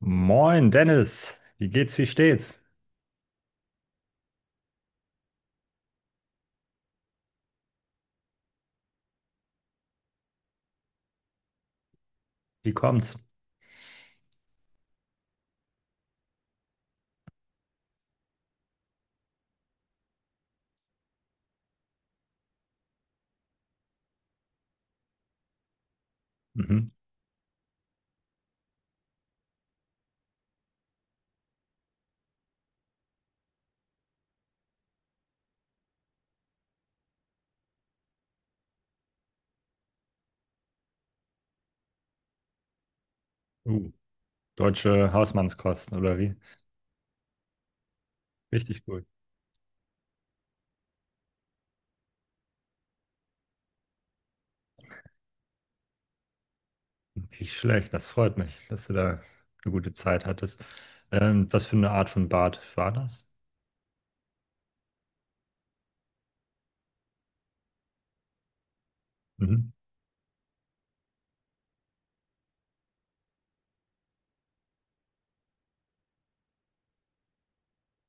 Moin, Dennis. Wie geht's, wie steht's? Wie kommt's? Mhm. Uh, Deutsche Hausmannskosten, oder wie? Richtig gut. Nicht schlecht, das freut mich, dass du da eine gute Zeit hattest. Was für eine Art von Bad war das? Mhm.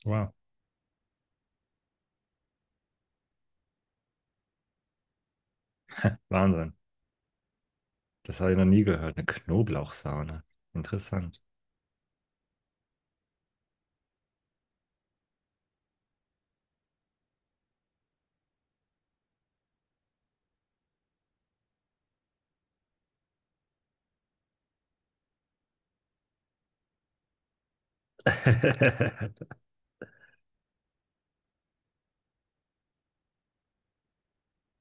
Wow. Wahnsinn. Das habe ich noch nie gehört. Eine Knoblauchsauna. Interessant.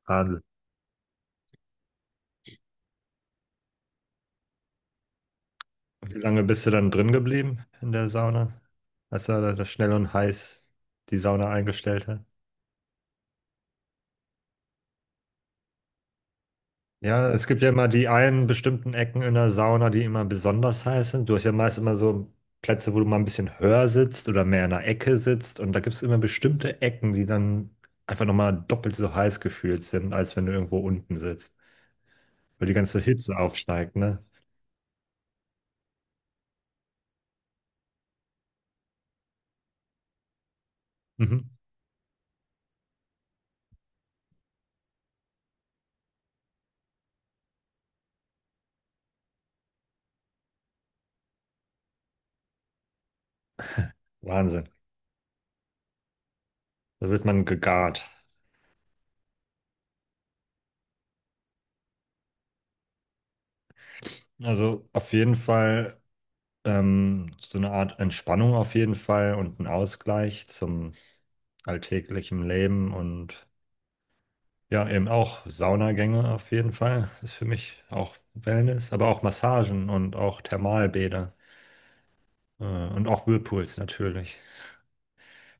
Wahnsinn. Und wie lange bist du dann drin geblieben in der Sauna, als er da schnell und heiß die Sauna eingestellt hat? Ja, es gibt ja immer die einen bestimmten Ecken in der Sauna, die immer besonders heiß sind. Du hast ja meist immer so Plätze, wo du mal ein bisschen höher sitzt oder mehr in der Ecke sitzt. Und da gibt es immer bestimmte Ecken, die dann einfach nochmal doppelt so heiß gefühlt sind, als wenn du irgendwo unten sitzt. Weil die ganze Hitze aufsteigt, ne? Mhm. Wahnsinn. Da wird man gegart. Also auf jeden Fall so eine Art Entspannung auf jeden Fall und ein Ausgleich zum alltäglichen Leben und ja, eben auch Saunagänge auf jeden Fall. Ist für mich auch Wellness, aber auch Massagen und auch Thermalbäder und auch Whirlpools natürlich.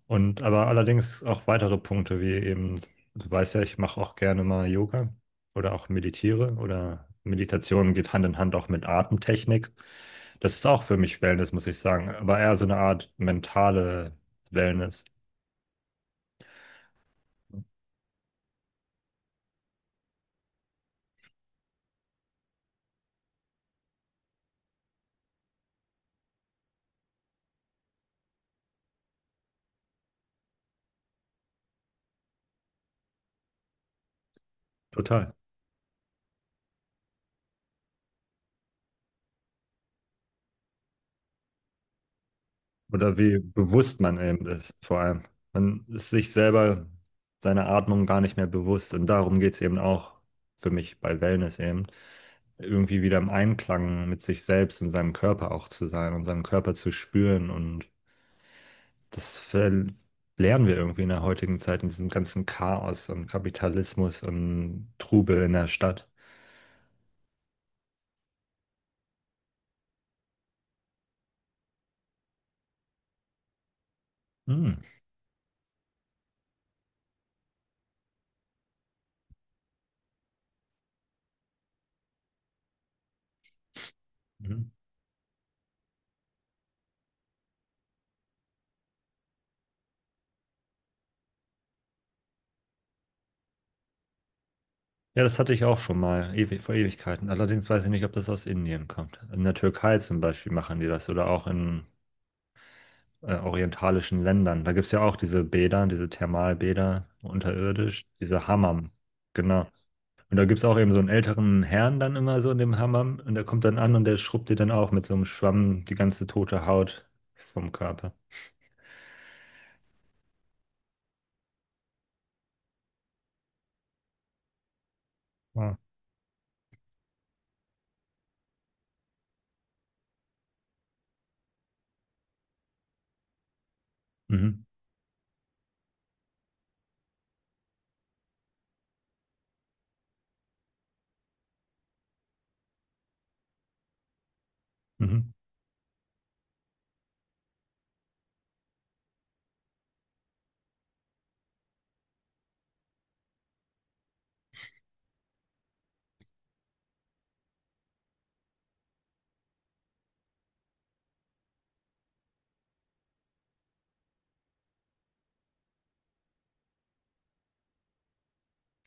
Und aber allerdings auch weitere Punkte, wie eben, du weißt ja, ich mache auch gerne mal Yoga oder auch meditiere oder Meditation geht Hand in Hand auch mit Atemtechnik. Das ist auch für mich Wellness, muss ich sagen, aber eher so eine Art mentale Wellness. Total. Oder wie bewusst man eben ist, vor allem. Man ist sich selber seiner Atmung gar nicht mehr bewusst. Und darum geht es eben auch für mich bei Wellness eben, irgendwie wieder im Einklang mit sich selbst und seinem Körper auch zu sein und seinem Körper zu spüren. Und das lernen wir irgendwie in der heutigen Zeit, in diesem ganzen Chaos und Kapitalismus und Trubel in der Stadt. Hm. Mhm. Ja, das hatte ich auch schon mal, ewi vor Ewigkeiten. Allerdings weiß ich nicht, ob das aus Indien kommt. In der Türkei zum Beispiel machen die das oder auch in orientalischen Ländern. Da gibt es ja auch diese Bäder, diese Thermalbäder unterirdisch, diese Hammam. Genau. Und da gibt es auch eben so einen älteren Herrn dann immer so in dem Hammam und der kommt dann an und der schrubbt dir dann auch mit so einem Schwamm die ganze tote Haut vom Körper. Ja. Mhm. Mhm.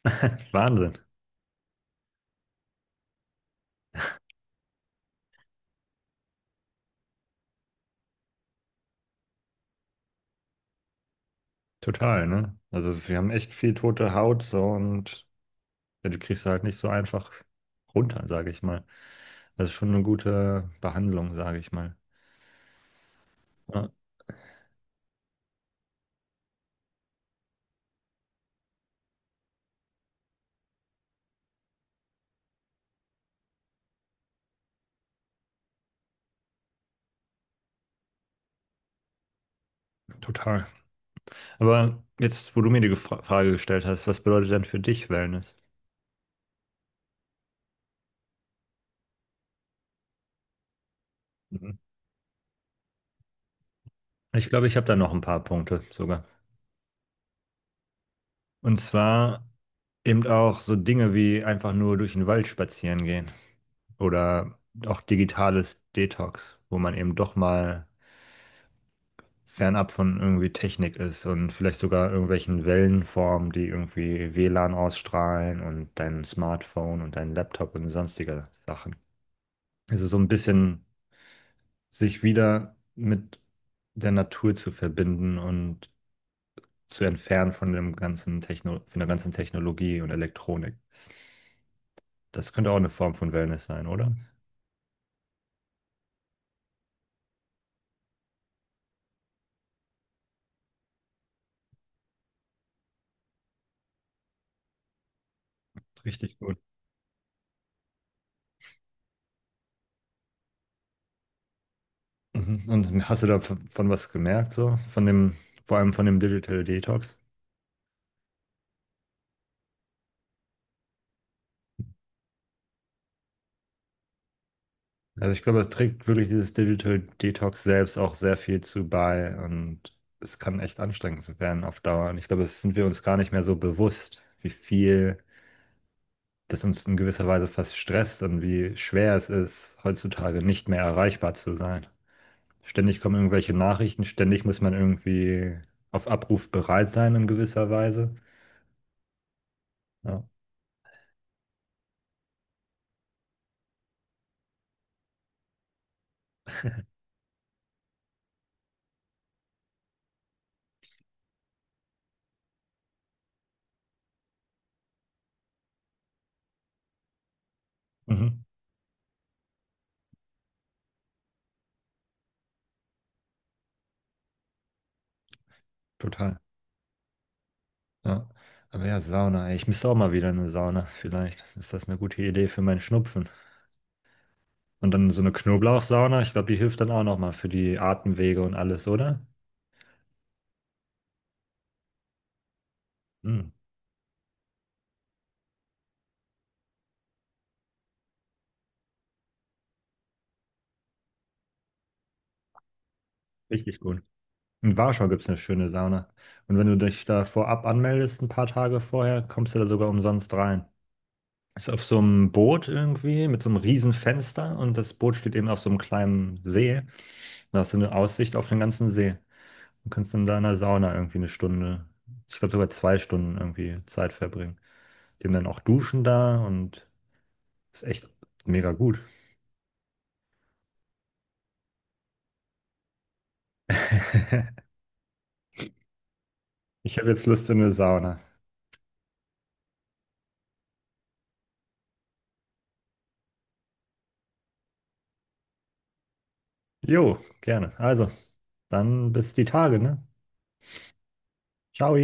Wahnsinn. Total, ne? Also wir haben echt viel tote Haut so und ja, die kriegst du halt nicht so einfach runter, sage ich mal. Das ist schon eine gute Behandlung, sage ich mal. Ja, total. Aber jetzt, wo du mir die Frage gestellt hast, was bedeutet denn für dich Wellness? Mhm. Ich glaube, ich habe da noch ein paar Punkte sogar. Und zwar eben auch so Dinge wie einfach nur durch den Wald spazieren gehen oder auch digitales Detox, wo man eben doch mal fernab von irgendwie Technik ist und vielleicht sogar irgendwelchen Wellenformen, die irgendwie WLAN ausstrahlen und deinem Smartphone und deinem Laptop und sonstiger Sachen. Also so ein bisschen sich wieder mit der Natur zu verbinden und zu entfernen von dem ganzen Techno, von der ganzen Technologie und Elektronik. Das könnte auch eine Form von Wellness sein, oder? Richtig gut. Mhm. Und hast du davon was gemerkt, so? Von dem, vor allem von dem Digital Detox? Also ich glaube, es trägt wirklich dieses Digital Detox selbst auch sehr viel zu bei und es kann echt anstrengend werden auf Dauer. Und ich glaube, das sind wir uns gar nicht mehr so bewusst, wie viel das uns in gewisser Weise fast stresst und wie schwer es ist, heutzutage nicht mehr erreichbar zu sein. Ständig kommen irgendwelche Nachrichten, ständig muss man irgendwie auf Abruf bereit sein in gewisser Weise. Ja, mhm. Total. Ja. Aber ja, Sauna, ey. Ich müsste auch mal wieder in eine Sauna. Vielleicht ist das eine gute Idee für meinen Schnupfen. Und dann so eine Knoblauchsauna, ich glaube, die hilft dann auch nochmal für die Atemwege und alles, oder? Hm, richtig gut. In Warschau gibt es eine schöne Sauna. Und wenn du dich da vorab anmeldest, ein paar Tage vorher, kommst du da sogar umsonst rein. Ist auf so einem Boot irgendwie mit so einem riesen Fenster und das Boot steht eben auf so einem kleinen See. Da hast du eine Aussicht auf den ganzen See. Du kannst dann da in der Sauna irgendwie eine Stunde, ich glaube sogar zwei Stunden irgendwie Zeit verbringen. Die haben dann auch Duschen da und ist echt mega gut. Ich habe jetzt Lust in eine Sauna. Jo, gerne. Also, dann bis die Tage, ne? Ciao.